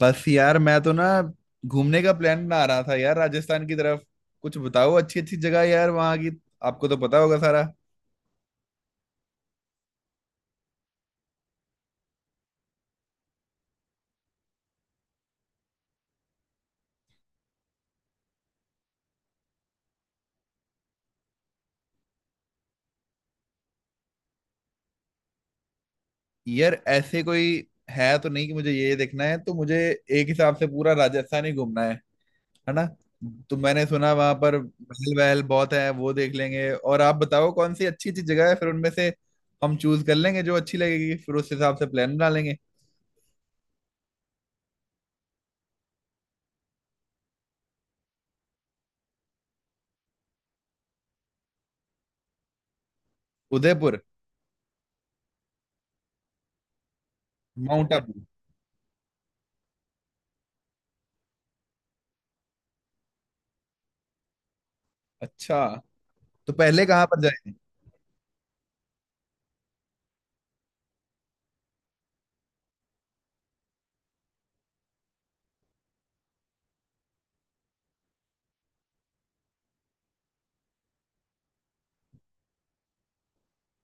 बस यार मैं तो ना घूमने का प्लान बना रहा था यार राजस्थान की तरफ। कुछ बताओ अच्छी अच्छी जगह यार वहाँ की। आपको तो पता होगा सारा। यार ऐसे कोई है तो नहीं कि मुझे ये देखना है, तो मुझे एक हिसाब से पूरा राजस्थान ही घूमना है ना। तो मैंने सुना वहां पर महल वहल बहुत है, वो देख लेंगे। और आप बताओ कौन सी अच्छी अच्छी जगह है, फिर उनमें से हम चूज कर लेंगे जो अच्छी लगेगी, फिर उस हिसाब से प्लान बना लेंगे। उदयपुर। माउंट आबू। अच्छा, तो पहले कहाँ पर।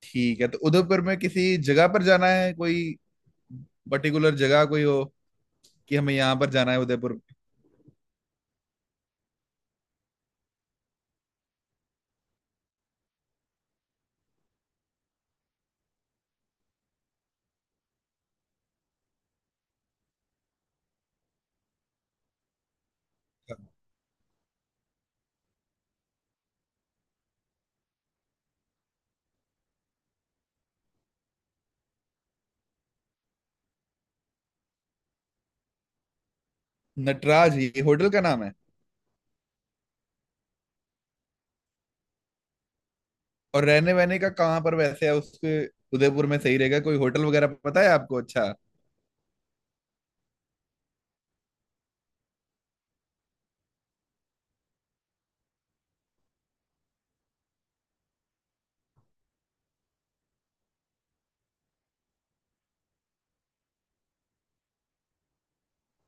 ठीक है, तो उदयपुर में किसी जगह पर जाना है कोई पर्टिकुलर जगह कोई हो, कि हमें यहाँ पर जाना है उदयपुर में? नटराज, ये होटल का नाम है। और रहने वहने का कहाँ पर वैसे है उसके, उदयपुर में सही रहेगा कोई होटल वगैरह पता है आपको? अच्छा।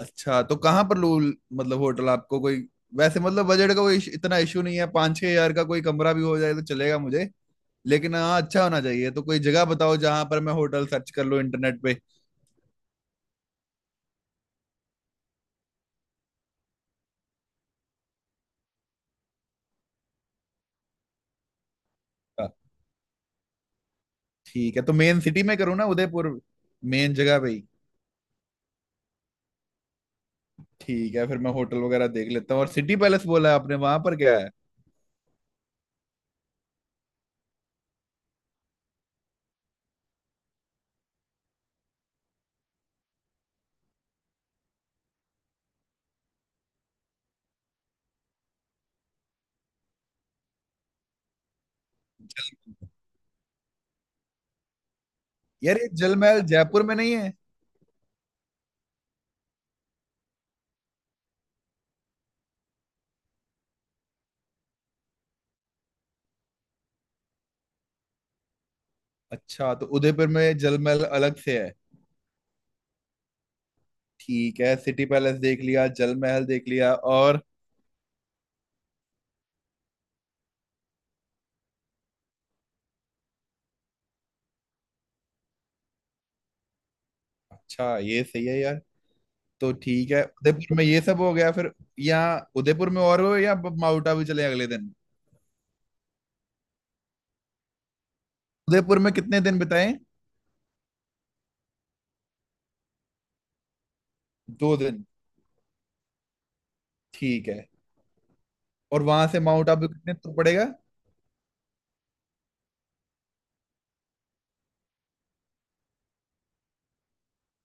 अच्छा, तो कहाँ पर लू, मतलब होटल आपको कोई, वैसे मतलब बजट का कोई इतना इशू नहीं है, 5-6 हजार का कोई कमरा भी हो जाए तो चलेगा मुझे। लेकिन हाँ, अच्छा होना चाहिए, तो कोई जगह बताओ जहां पर मैं होटल सर्च कर लूँ इंटरनेट पे। हाँ, ठीक है। तो मेन सिटी में करूँ ना उदयपुर, मेन जगह पे ही। ठीक है, फिर मैं होटल वगैरह देख लेता हूँ। और सिटी पैलेस बोला है आपने, वहां पर क्या है? यार ये जलमहल जयपुर में नहीं है? अच्छा, तो उदयपुर में जलमहल अलग से है। ठीक है, सिटी पैलेस देख लिया, जलमहल देख लिया, और? अच्छा, ये सही है यार। तो ठीक है, उदयपुर में ये सब हो गया, फिर यहाँ उदयपुर में और हो, या माउंट आबू चले अगले दिन। उदयपुर में कितने दिन बिताए? 2 दिन? ठीक है। और वहां से माउंट आबू कितने दूर पड़ेगा?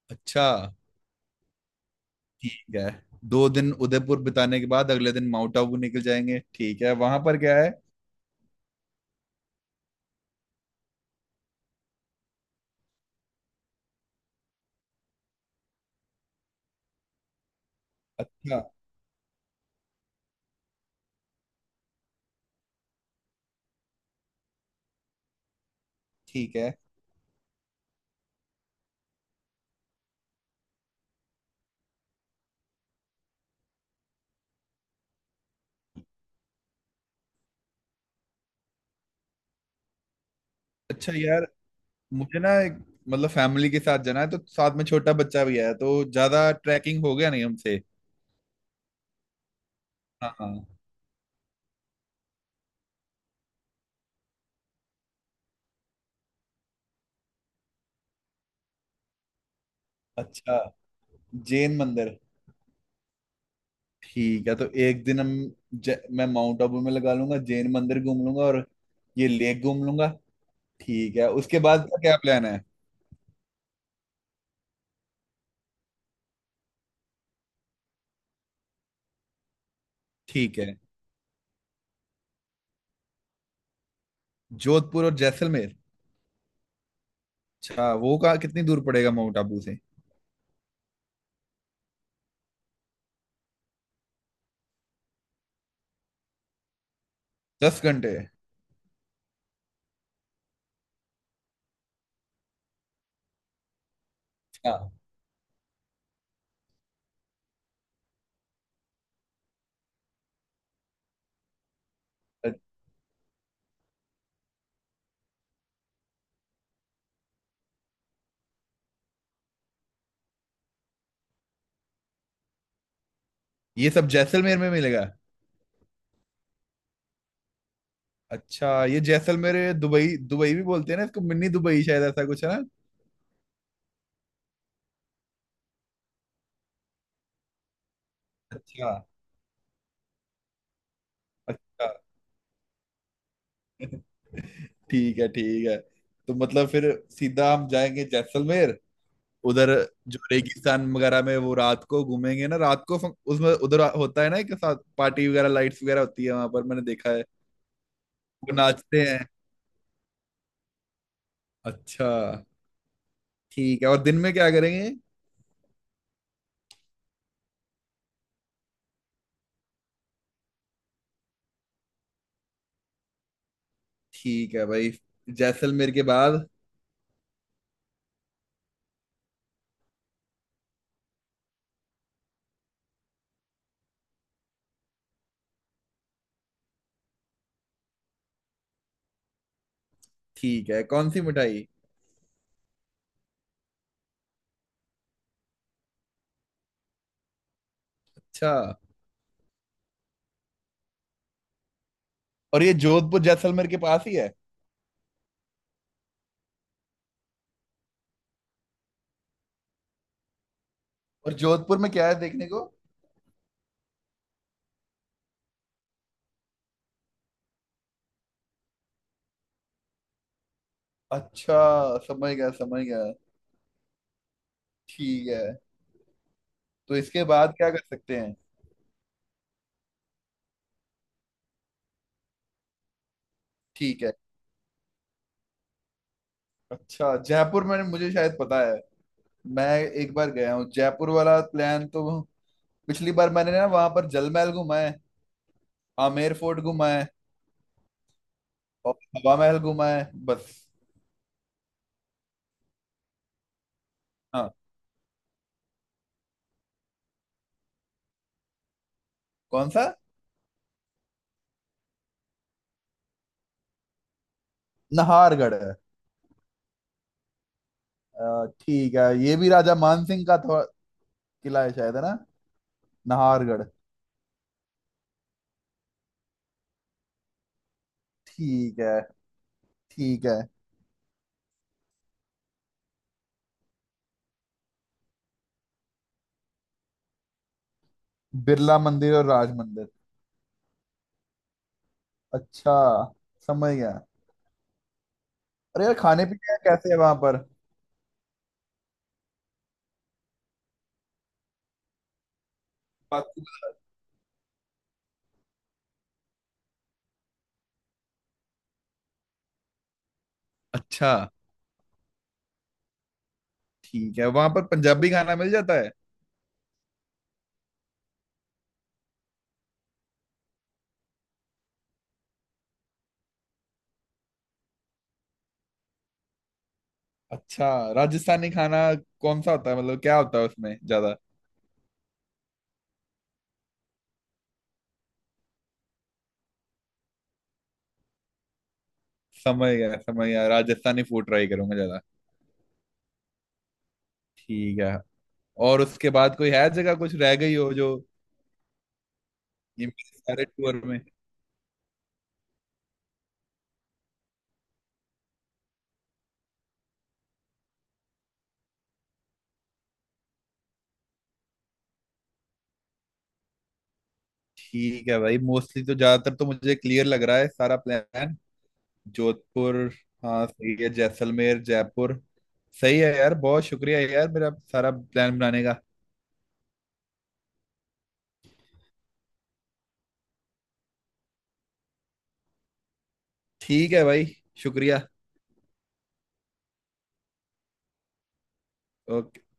अच्छा। ठीक है, 2 दिन उदयपुर बिताने के बाद अगले दिन माउंट आबू निकल जाएंगे। ठीक है, वहां पर क्या है? अच्छा। ठीक है। अच्छा यार, मुझे ना एक, मतलब फैमिली के साथ जाना है, तो साथ में छोटा बच्चा भी है, तो ज्यादा ट्रैकिंग हो गया नहीं हमसे। हाँ हाँ। अच्छा, जैन मंदिर। ठीक है, तो 1 दिन हम, मैं माउंट आबू में लगा लूंगा, जैन मंदिर घूम लूंगा और ये लेक घूम लूंगा। ठीक है, उसके बाद का क्या प्लान है? ठीक है। जोधपुर और जैसलमेर। अच्छा, वो कहाँ, कितनी दूर पड़ेगा माउंट आबू से? 10 घंटे? हाँ। ये सब जैसलमेर में मिलेगा? अच्छा, ये जैसलमेर दुबई दुबई भी बोलते हैं ना इसको, मिनी दुबई, शायद ऐसा कुछ है ना। अच्छा। अच्छा। ठीक है ठीक है। तो मतलब फिर सीधा हम जाएंगे जैसलमेर। उधर जो रेगिस्तान वगैरह में, वो रात को घूमेंगे ना, रात को उसमें उधर होता है ना, एक साथ पार्टी वगैरह, लाइट्स वगैरह होती है, वहां पर मैंने देखा है। वो नाचते हैं। अच्छा, ठीक है। और दिन में क्या करेंगे? ठीक है भाई। जैसलमेर के बाद? ठीक है, कौन सी मिठाई? अच्छा, और ये जोधपुर जैसलमेर के पास ही है? और जोधपुर में क्या है देखने को? अच्छा, समझ गया समझ गया। ठीक है, तो इसके बाद क्या कर सकते हैं? ठीक है। अच्छा, जयपुर में मुझे शायद पता है। मैं एक बार गया हूँ जयपुर। वाला प्लान तो पिछली बार मैंने ना, वहां पर जल महल घूमा है, आमेर फोर्ट घूमा है, और हवा महल घूमा है, बस। हाँ। कौन सा? नाहरगढ़ है? ठीक है, ये भी राजा मान सिंह का किला है शायद, है ना? नाहरगढ़। ठीक है। ठीक है। बिरला मंदिर और राज मंदिर? अच्छा, समझ गया। अरे यार, खाने पीने का कैसे है वहां पर? बाकी- अच्छा। ठीक है, वहां पर पंजाबी खाना मिल जाता है? अच्छा। राजस्थानी खाना कौन सा होता है, मतलब क्या होता है उसमें ज्यादा? समझ गया समझ गया, राजस्थानी फूड ट्राई करूंगा ज्यादा। ठीक है। और उसके बाद कोई है जगह कुछ रह गई हो जो ये मेरे सारे टूर में? ठीक है भाई, मोस्टली तो ज्यादातर तो मुझे क्लियर लग रहा है सारा प्लान। जोधपुर, हाँ सही है, जैसलमेर, जयपुर। सही है यार, बहुत शुक्रिया यार, मेरा सारा प्लान बनाने का। ठीक है भाई, शुक्रिया। ओके।